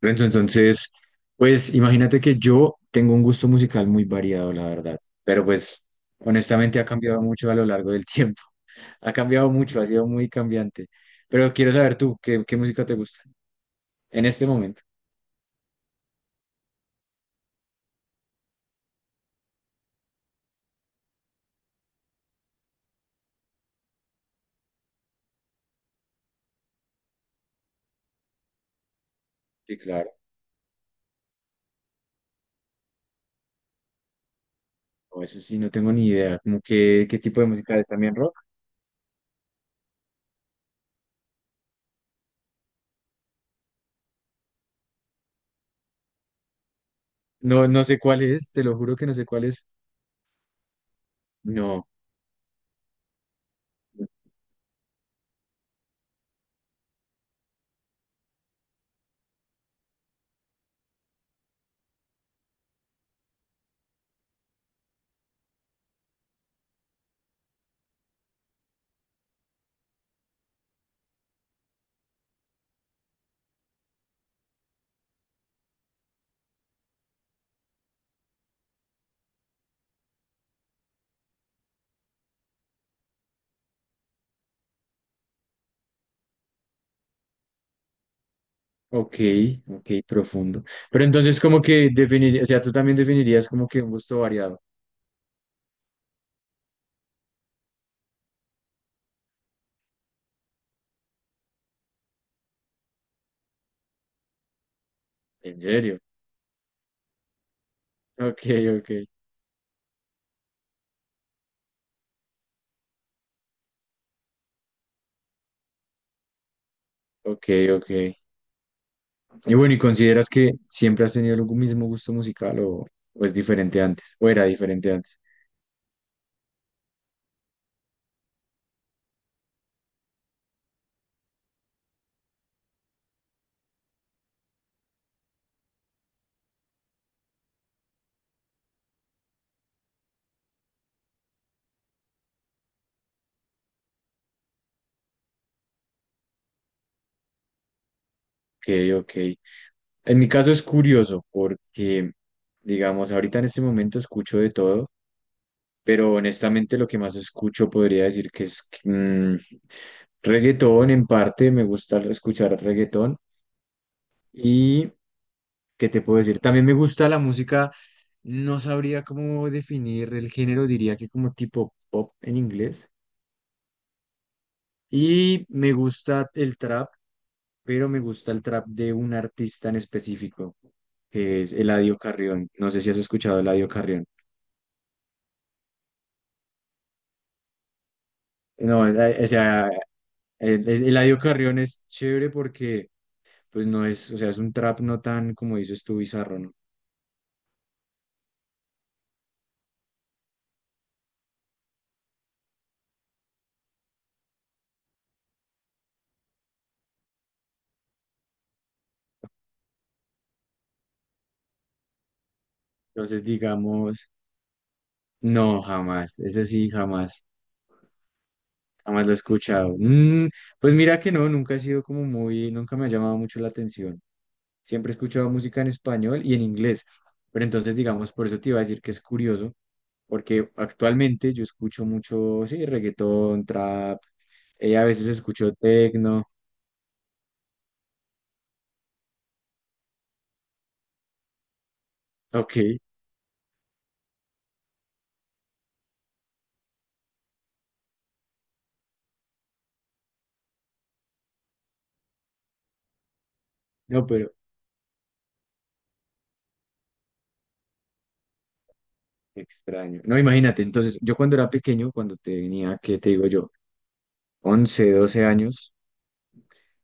Renzo, entonces, pues imagínate que yo tengo un gusto musical muy variado, la verdad, pero pues honestamente ha cambiado mucho a lo largo del tiempo. Ha cambiado mucho, ha sido muy cambiante. Pero quiero saber tú, ¿qué música te gusta en este momento? Sí, claro. No, eso sí, no tengo ni idea. Como que, ¿qué tipo de música es también rock? No, no sé cuál es, te lo juro que no sé cuál es. No. Ok, ok, profundo. Pero entonces como que definiría, o sea, tú también definirías como que un gusto variado. ¿En serio? Ok, ok. Ok, ok. Y bueno, ¿y consideras que siempre has tenido el mismo gusto musical o es diferente antes? ¿O era diferente antes? Ok, ok. En mi caso es curioso porque, digamos, ahorita en este momento escucho de todo, pero honestamente lo que más escucho podría decir que es reggaetón. En parte me gusta escuchar reggaetón y, ¿qué te puedo decir? También me gusta la música, no sabría cómo definir el género, diría que como tipo pop en inglés. Y me gusta el trap, pero me gusta el trap de un artista en específico, que es Eladio Carrión. No sé si has escuchado a Eladio Carrión. No, o sea, Eladio Carrión es chévere porque pues no es, o sea, es un trap no tan, como dices tú, bizarro, ¿no? Entonces, digamos, no, jamás, ese sí, jamás. Jamás lo he escuchado. Pues mira que no, nunca he sido como muy, nunca me ha llamado mucho la atención. Siempre he escuchado música en español y en inglés. Pero entonces, digamos, por eso te iba a decir que es curioso, porque actualmente yo escucho mucho, sí, reggaetón, trap, a veces escucho tecno. Ok, no, pero extraño. No, imagínate, entonces, yo cuando era pequeño, cuando tenía, ¿qué te digo yo? 11, 12 años,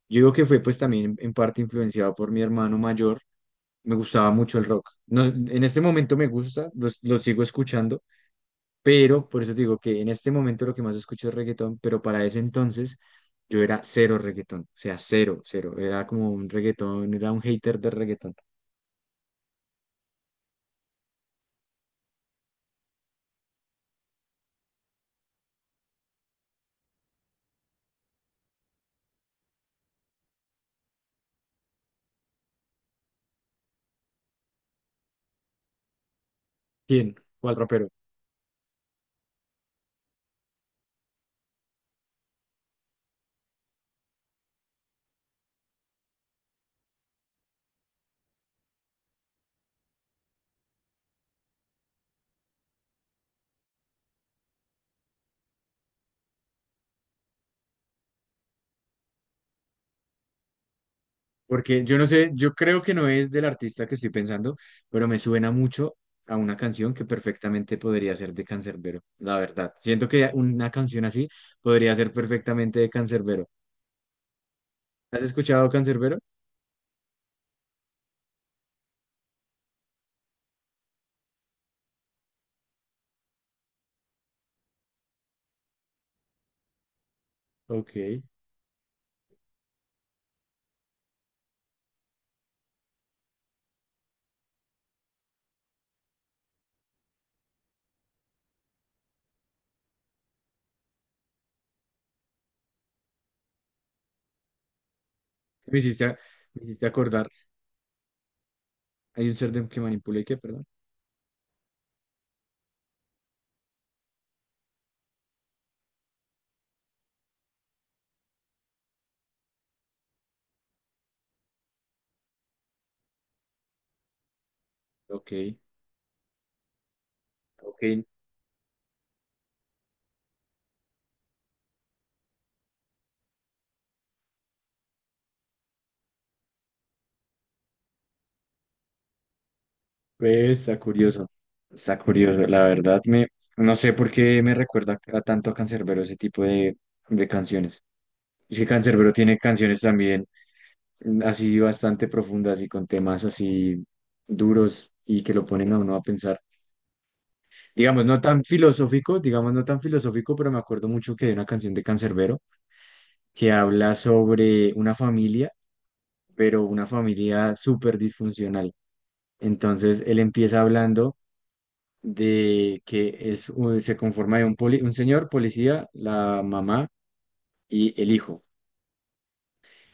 yo digo que fue pues también en parte influenciado por mi hermano mayor. Me gustaba mucho el rock. No, en este momento me gusta, lo sigo escuchando, pero por eso te digo que en este momento lo que más escucho es reggaetón, pero para ese entonces yo era cero reggaetón, o sea, cero, cero. Era como un reggaetón, era un hater de reggaetón. ¿Quién? ¿Cuál rapero? Porque yo no sé, yo creo que no es del artista que estoy pensando, pero me suena mucho a una canción que perfectamente podría ser de Canserbero, la verdad. Siento que una canción así podría ser perfectamente de Canserbero. ¿Has escuchado Canserbero? Ok. Me hiciste, a- me hiciste acordar. Hay un ser que manipula y que, perdón. Ok, ok. Pues está curioso. Está curioso, la verdad. No sé por qué me recuerda a tanto a Canserbero ese tipo de canciones. Es que Canserbero tiene canciones también así bastante profundas y con temas así duros y que lo ponen a uno a pensar. Digamos, no tan filosófico, digamos, no tan filosófico, pero me acuerdo mucho que hay una canción de Canserbero que habla sobre una familia pero una familia súper disfuncional. Entonces él empieza hablando de que se conforma de un señor policía, la mamá y el hijo.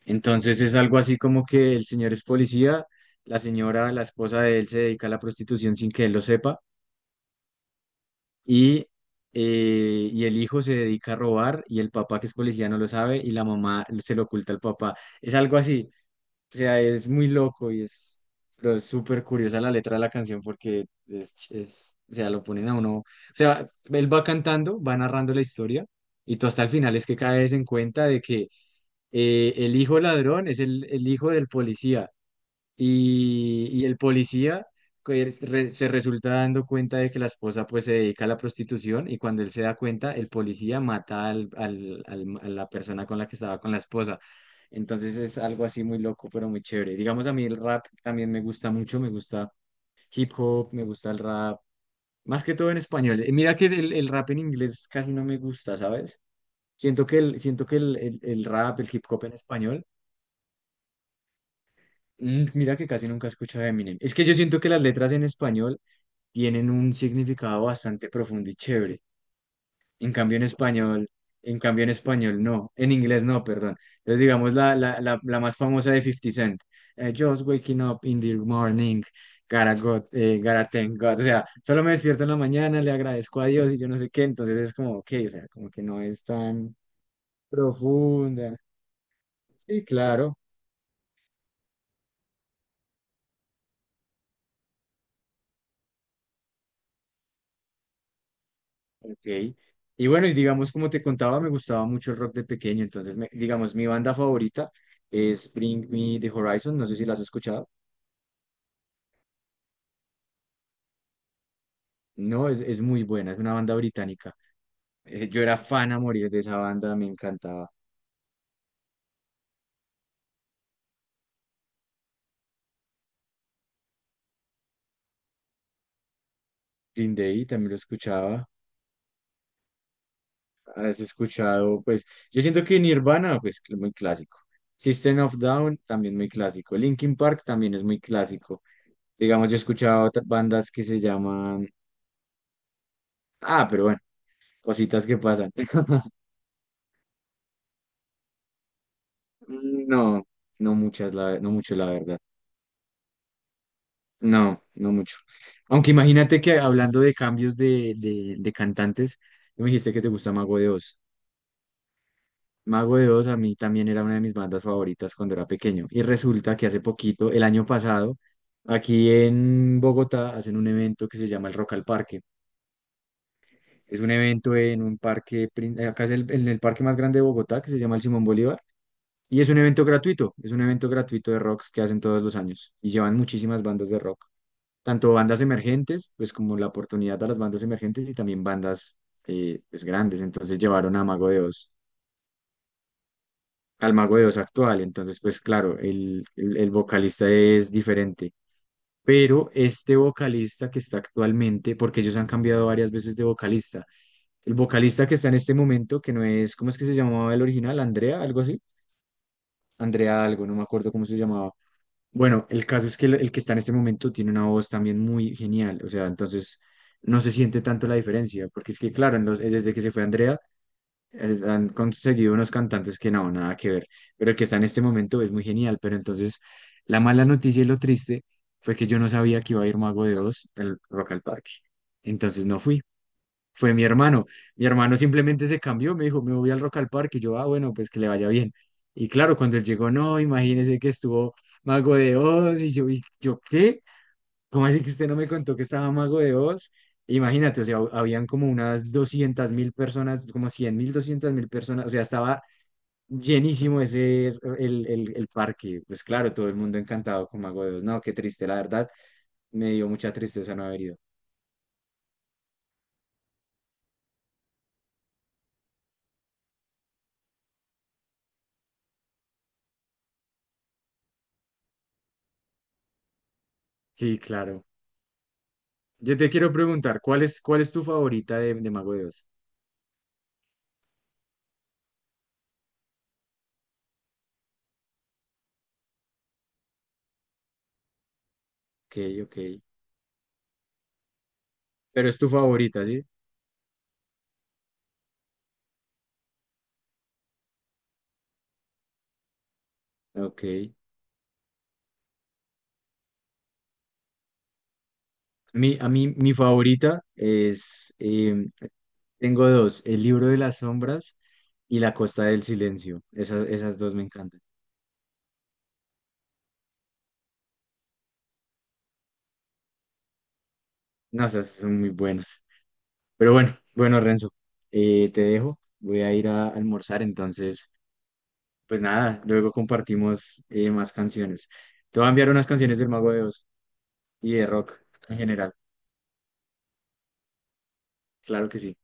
Entonces es algo así como que el señor es policía, la señora, la esposa de él se dedica a la prostitución sin que él lo sepa y, y el hijo se dedica a robar y el papá que es policía no lo sabe y la mamá se lo oculta al papá. Es algo así. O sea, es muy loco y es, pero es súper curiosa la letra de la canción porque es, o sea, lo ponen a uno. O sea, él va cantando, va narrando la historia y tú hasta el final es que caes en cuenta de que el hijo ladrón es el hijo del policía y el policía que se resulta dando cuenta de que la esposa pues se dedica a la prostitución y cuando él se da cuenta, el policía mata a la persona con la que estaba con la esposa. Entonces es algo así muy loco, pero muy chévere. Digamos, a mí el rap también me gusta mucho, me gusta hip hop, me gusta el rap, más que todo en español. Y mira que el rap en inglés casi no me gusta, ¿sabes? Siento que el rap, el hip hop en español. Mira que casi nunca escucho a Eminem. Es que yo siento que las letras en español tienen un significado bastante profundo y chévere. En cambio en español, en cambio en español no, en inglés no, perdón. Entonces digamos la más famosa de Fifty Cent, Just waking up in the morning, gotta, gotta thank God. O sea, solo me despierto en la mañana, le agradezco a Dios y yo no sé qué. Entonces es como, ok, o sea, como que no es tan profunda. Sí, claro. Ok. Y bueno, y digamos, como te contaba, me gustaba mucho el rock de pequeño. Entonces, digamos, mi banda favorita es Bring Me the Horizon. No sé si la has escuchado. No, es muy buena. Es una banda británica. Yo era fan a morir de esa banda. Me encantaba. Green Day también lo escuchaba. Has escuchado, pues, yo siento que Nirvana, pues, muy clásico. System of Down, también muy clásico. Linkin Park también es muy clásico. Digamos, yo he escuchado otras bandas que se llaman. Ah, pero bueno, cositas que pasan. No, no muchas, no mucho, la verdad. No, no mucho. Aunque imagínate que hablando de cambios de cantantes, tú me dijiste que te gusta Mago de Oz. Mago de Oz a mí también era una de mis bandas favoritas cuando era pequeño. Y resulta que hace poquito, el año pasado, aquí en Bogotá hacen un evento que se llama el Rock al Parque. Es un evento en un parque, acá es en el parque más grande de Bogotá, que se llama el Simón Bolívar. Y es un evento gratuito, es un evento gratuito de rock que hacen todos los años y llevan muchísimas bandas de rock. Tanto bandas emergentes, pues como la oportunidad a las bandas emergentes y también bandas pues grandes. Entonces llevaron a Mago de Oz, al Mago de Oz actual. Entonces, pues claro, el vocalista es diferente. Pero este vocalista que está actualmente, porque ellos han cambiado varias veces de vocalista, el vocalista que está en este momento, que no es, ¿cómo es que se llamaba el original? Andrea, algo así. Andrea algo, no me acuerdo cómo se llamaba. Bueno, el caso es que el que está en este momento tiene una voz también muy genial, o sea, entonces no se siente tanto la diferencia, porque es que, claro, desde que se fue Andrea, han conseguido unos cantantes que no, nada que ver, pero el que está en este momento es muy genial, pero entonces la mala noticia y lo triste fue que yo no sabía que iba a ir Mago de Oz al Rock al Parque, entonces no fui, fue mi hermano. Mi hermano simplemente se cambió, me dijo, me voy al Rock al Parque. Y yo, ah, bueno, pues que le vaya bien. Y claro, cuando él llegó, no, imagínese que estuvo Mago de Oz. ¿Y yo qué? ¿Cómo así que usted no me contó que estaba Mago de Oz? Imagínate, o sea, habían como unas 200.000 personas, como 100.000, 200.000 personas. O sea, estaba llenísimo el parque. Pues claro, todo el mundo encantado con Mago de Oz. No, qué triste, la verdad, me dio mucha tristeza no haber ido. Sí, claro. Yo te quiero preguntar, ¿cuál es tu favorita de Mago de Oz? Ok, ok. Pero es tu favorita, ¿sí? Ok. A mí, mi favorita tengo dos, El libro de las sombras y La costa del silencio. Esas dos me encantan. No, esas son muy buenas. Pero bueno, bueno, Renzo, te dejo. Voy a ir a almorzar, entonces, pues nada, luego compartimos más canciones. Te voy a enviar unas canciones del Mago de Oz y de rock en general. Claro que sí.